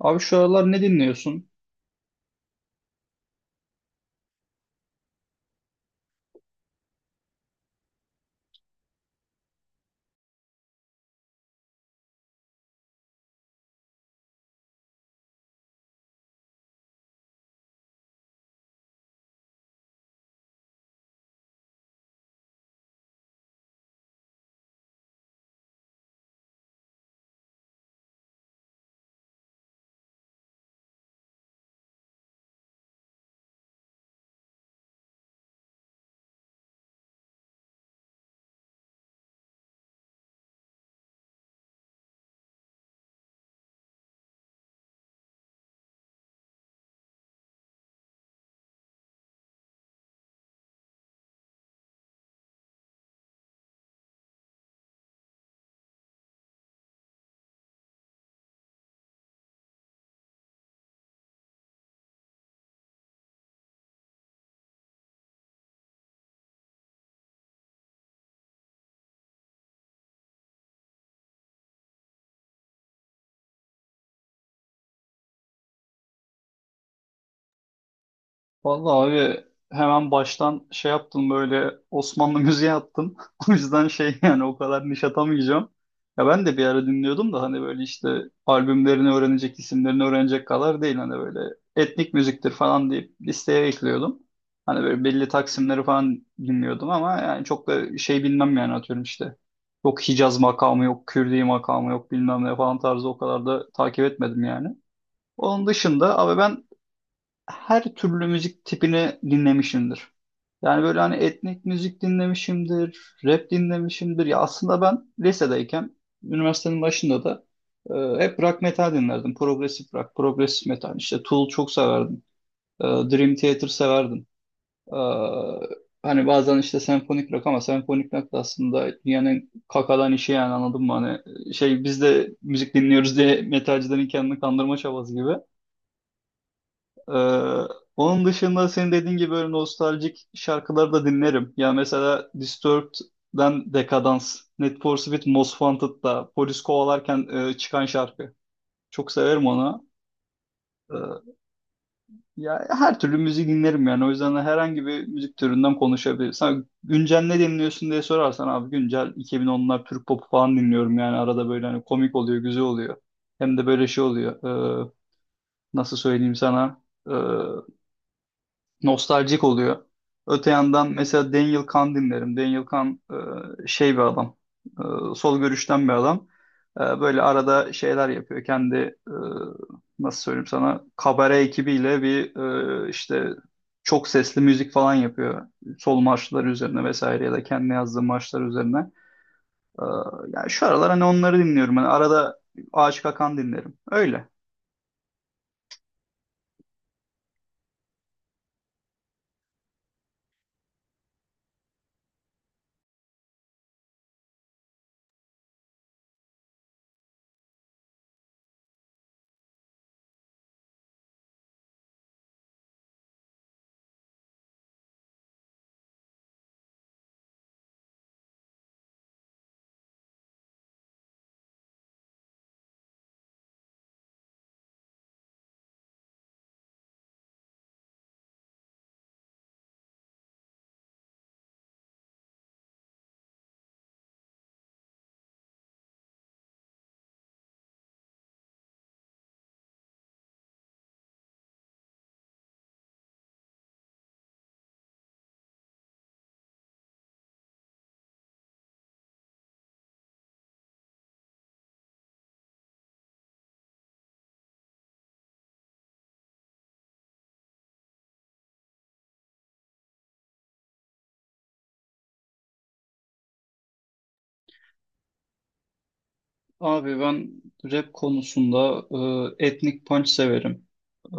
Abi şu aralar ne dinliyorsun? Vallahi abi hemen baştan şey yaptım böyle Osmanlı müziği attım. O yüzden şey yani o kadar niş atamayacağım. Ya ben de bir ara dinliyordum da hani böyle işte albümlerini öğrenecek, isimlerini öğrenecek kadar değil. Hani böyle etnik müziktir falan deyip listeye ekliyordum. Hani böyle belli taksimleri falan dinliyordum ama yani çok da şey bilmem yani atıyorum işte. Yok Hicaz makamı, yok Kürdi makamı, yok bilmem ne falan tarzı o kadar da takip etmedim yani. Onun dışında abi ben her türlü müzik tipini dinlemişimdir. Yani böyle hani etnik müzik dinlemişimdir, rap dinlemişimdir. Ya aslında ben lisedeyken, üniversitenin başında da hep rock metal dinlerdim. Progresif rock, progresif metal. İşte Tool çok severdim. Dream Theater severdim. E, hani bazen işte senfonik rock ama senfonik rock da aslında dünyanın kakadan işi yani anladın mı? Hani şey biz de müzik dinliyoruz diye metalcilerin kendini kandırma çabası gibi. Ee, onun dışında senin dediğin gibi böyle nostaljik şarkıları da dinlerim. Ya mesela Disturbed'den Decadence, Need for Speed Most Wanted'da polis kovalarken çıkan şarkı. Çok severim onu. Ee, ya her türlü müzik dinlerim yani. O yüzden de herhangi bir müzik türünden konuşabilirim. Sen güncel ne dinliyorsun diye sorarsan abi güncel 2010'lar Türk popu falan dinliyorum yani arada böyle hani komik oluyor, güzel oluyor. Hem de böyle şey oluyor. Ee, nasıl söyleyeyim sana? Nostaljik oluyor. Öte yandan mesela Daniel Kahn dinlerim. Daniel Kahn şey bir adam, sol görüşten bir adam. E, böyle arada şeyler yapıyor. Kendi e, nasıl söyleyeyim sana kabare ekibiyle bir işte çok sesli müzik falan yapıyor. Sol marşlar üzerine vesaire ya da kendi yazdığı marşlar üzerine. E, yani şu aralar hani onları dinliyorum. Hani arada Aşık Akan dinlerim. Öyle. Abi ben rap konusunda etnik punch severim. E,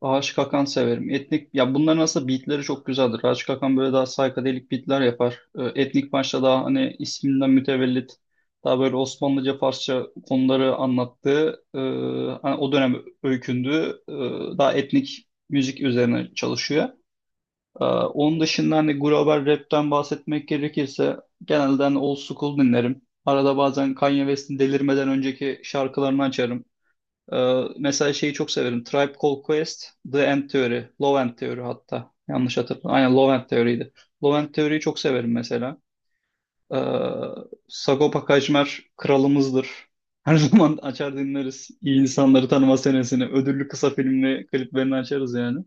Ağaç Kakan severim. Etnik ya bunların aslında beatleri çok güzeldir. Ağaç Kakan böyle daha psychedelic beatler yapar. E, etnik punch'ta daha hani isminden mütevellit daha böyle Osmanlıca Farsça konuları anlattığı hani o dönem öykündüğü daha etnik müzik üzerine çalışıyor. Onun dışında hani global rapten bahsetmek gerekirse genelde hani old school dinlerim. Arada bazen Kanye West'in delirmeden önceki şarkılarını açarım. Mesela şeyi çok severim. Tribe Called Quest, The End Theory, Low End Theory hatta. Yanlış hatırlamıyorum. Aynen Low End Theory'ydi. Low End Theory'yi çok severim mesela. Ee, Sagopa Kajmer kralımızdır. Her zaman açar dinleriz. İyi insanları tanıma senesini. Ödüllü kısa filmli kliplerini açarız yani.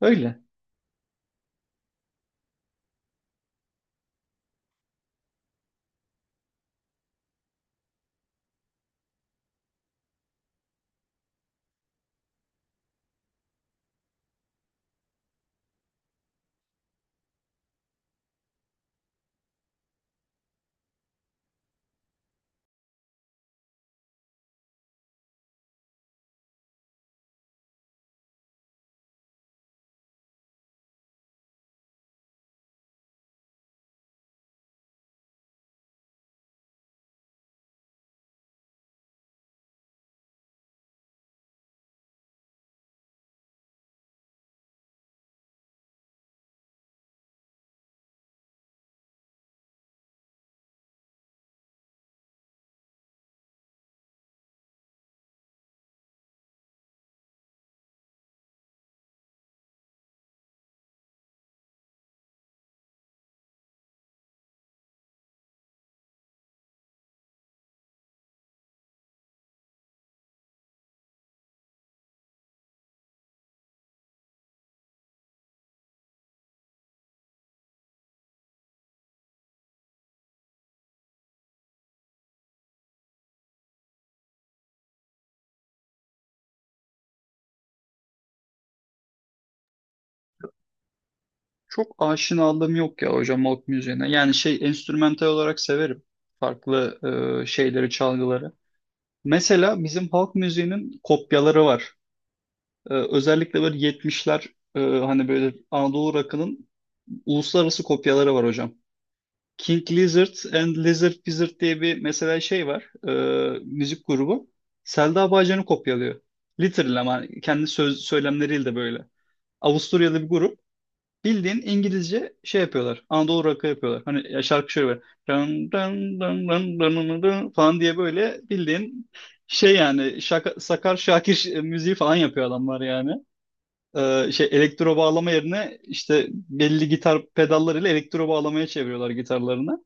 Öyle. Çok aşinalığım yok ya hocam halk müziğine. Yani şey enstrümantal olarak severim. Farklı şeyleri, çalgıları. Mesela bizim halk müziğinin kopyaları var. Özellikle böyle 70'ler hani böyle Anadolu rock'ının uluslararası kopyaları var hocam. King Lizard and Lizard Wizard diye bir mesela şey var. Müzik grubu. Selda Bağcan'ı kopyalıyor. Literally ama kendi söz, söylemleriyle de böyle. Avusturyalı bir grup. Bildiğin İngilizce şey yapıyorlar. Anadolu rock'ı yapıyorlar. Hani ya şarkı şöyle böyle. Dın dın dın dın dın dın dın falan diye böyle bildiğin şey yani şaka, Sakar Şakir müziği falan yapıyor adamlar yani. Şey elektro bağlama yerine işte belli gitar pedallarıyla elektro bağlamaya çeviriyorlar gitarlarını.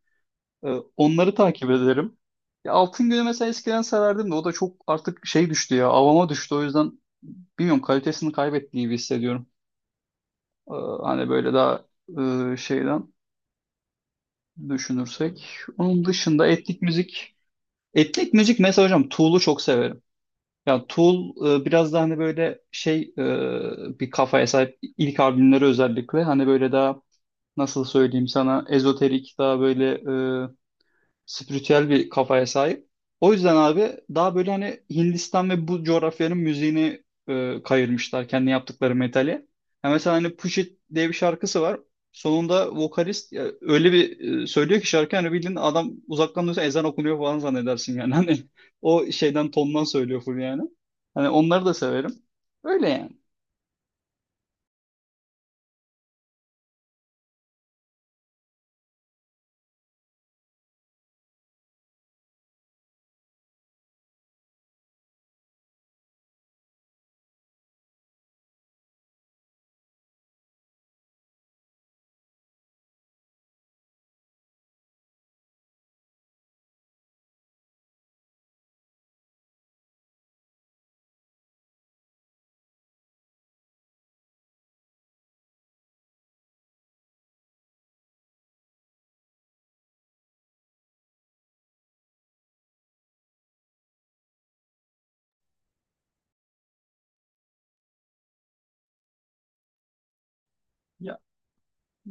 Ee, onları takip ederim. Ya Altın Günü mesela eskiden severdim de o da çok artık şey düştü ya avama düştü o yüzden bilmiyorum kalitesini kaybettiği gibi hissediyorum. Ee, hani böyle daha şeyden düşünürsek. Onun dışında etnik müzik. Etnik müzik mesela hocam Tool'u çok severim. Ya Tool biraz da hani böyle şey bir kafaya sahip ilk albümleri özellikle hani böyle daha nasıl söyleyeyim sana ezoterik daha böyle e, spiritüel bir kafaya sahip. O yüzden abi daha böyle hani Hindistan ve bu coğrafyanın müziğini kayırmışlar kendi yaptıkları metali. Ya mesela hani Push It diye bir şarkısı var. Sonunda vokalist ya, öyle bir söylüyor ki şarkı hani bildiğin adam uzaktan duysa ezan okunuyor falan zannedersin yani. Hani o şeyden tondan söylüyor full yani. Hani onları da severim. Öyle yani.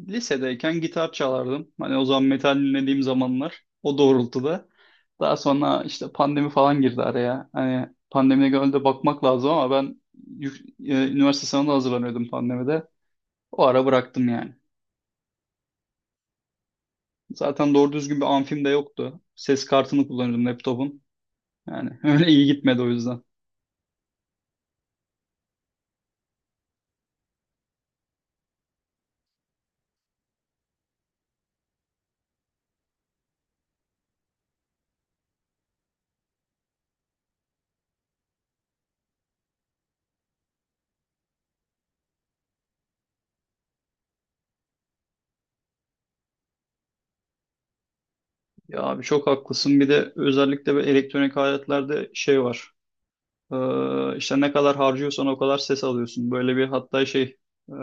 Lisedeyken gitar çalardım. Hani o zaman metal dinlediğim zamanlar o doğrultuda. Daha sonra işte pandemi falan girdi araya. Hani pandemide gönülde bakmak lazım ama ben üniversite sınavına hazırlanıyordum pandemide. O ara bıraktım yani. Zaten doğru düzgün bir amfim de yoktu. Ses kartını kullanıyordum laptopun. Yani öyle iyi gitmedi o yüzden. Ya abi çok haklısın. Bir de özellikle böyle elektronik aletlerde şey var. İşte ne kadar harcıyorsan o kadar ses alıyorsun. Böyle bir hatta şey e,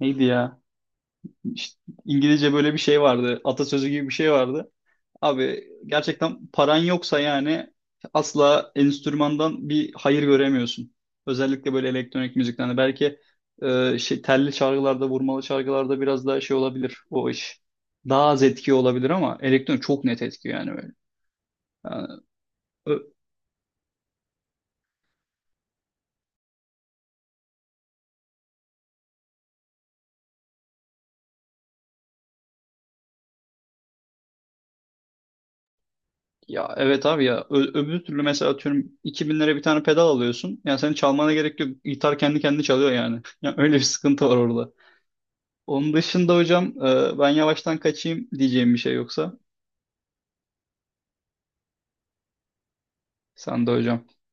neydi ya? İşte İngilizce böyle bir şey vardı. Atasözü gibi bir şey vardı. Abi gerçekten paran yoksa yani asla enstrümandan bir hayır göremiyorsun. Özellikle böyle elektronik müziklerde. Belki şey, telli çalgılarda, vurmalı çalgılarda biraz daha şey olabilir o iş. Daha az etki olabilir ama elektronik çok net etki yani böyle. Yani ö- ya evet abi ya öbür türlü mesela atıyorum 2000 lira bir tane pedal alıyorsun. Yani senin çalmana gerek yok. Gitar kendi kendine çalıyor yani. Ya öyle bir sıkıntı var orada. Onun dışında hocam ben yavaştan kaçayım diyeceğim bir şey yoksa. Sen de hocam.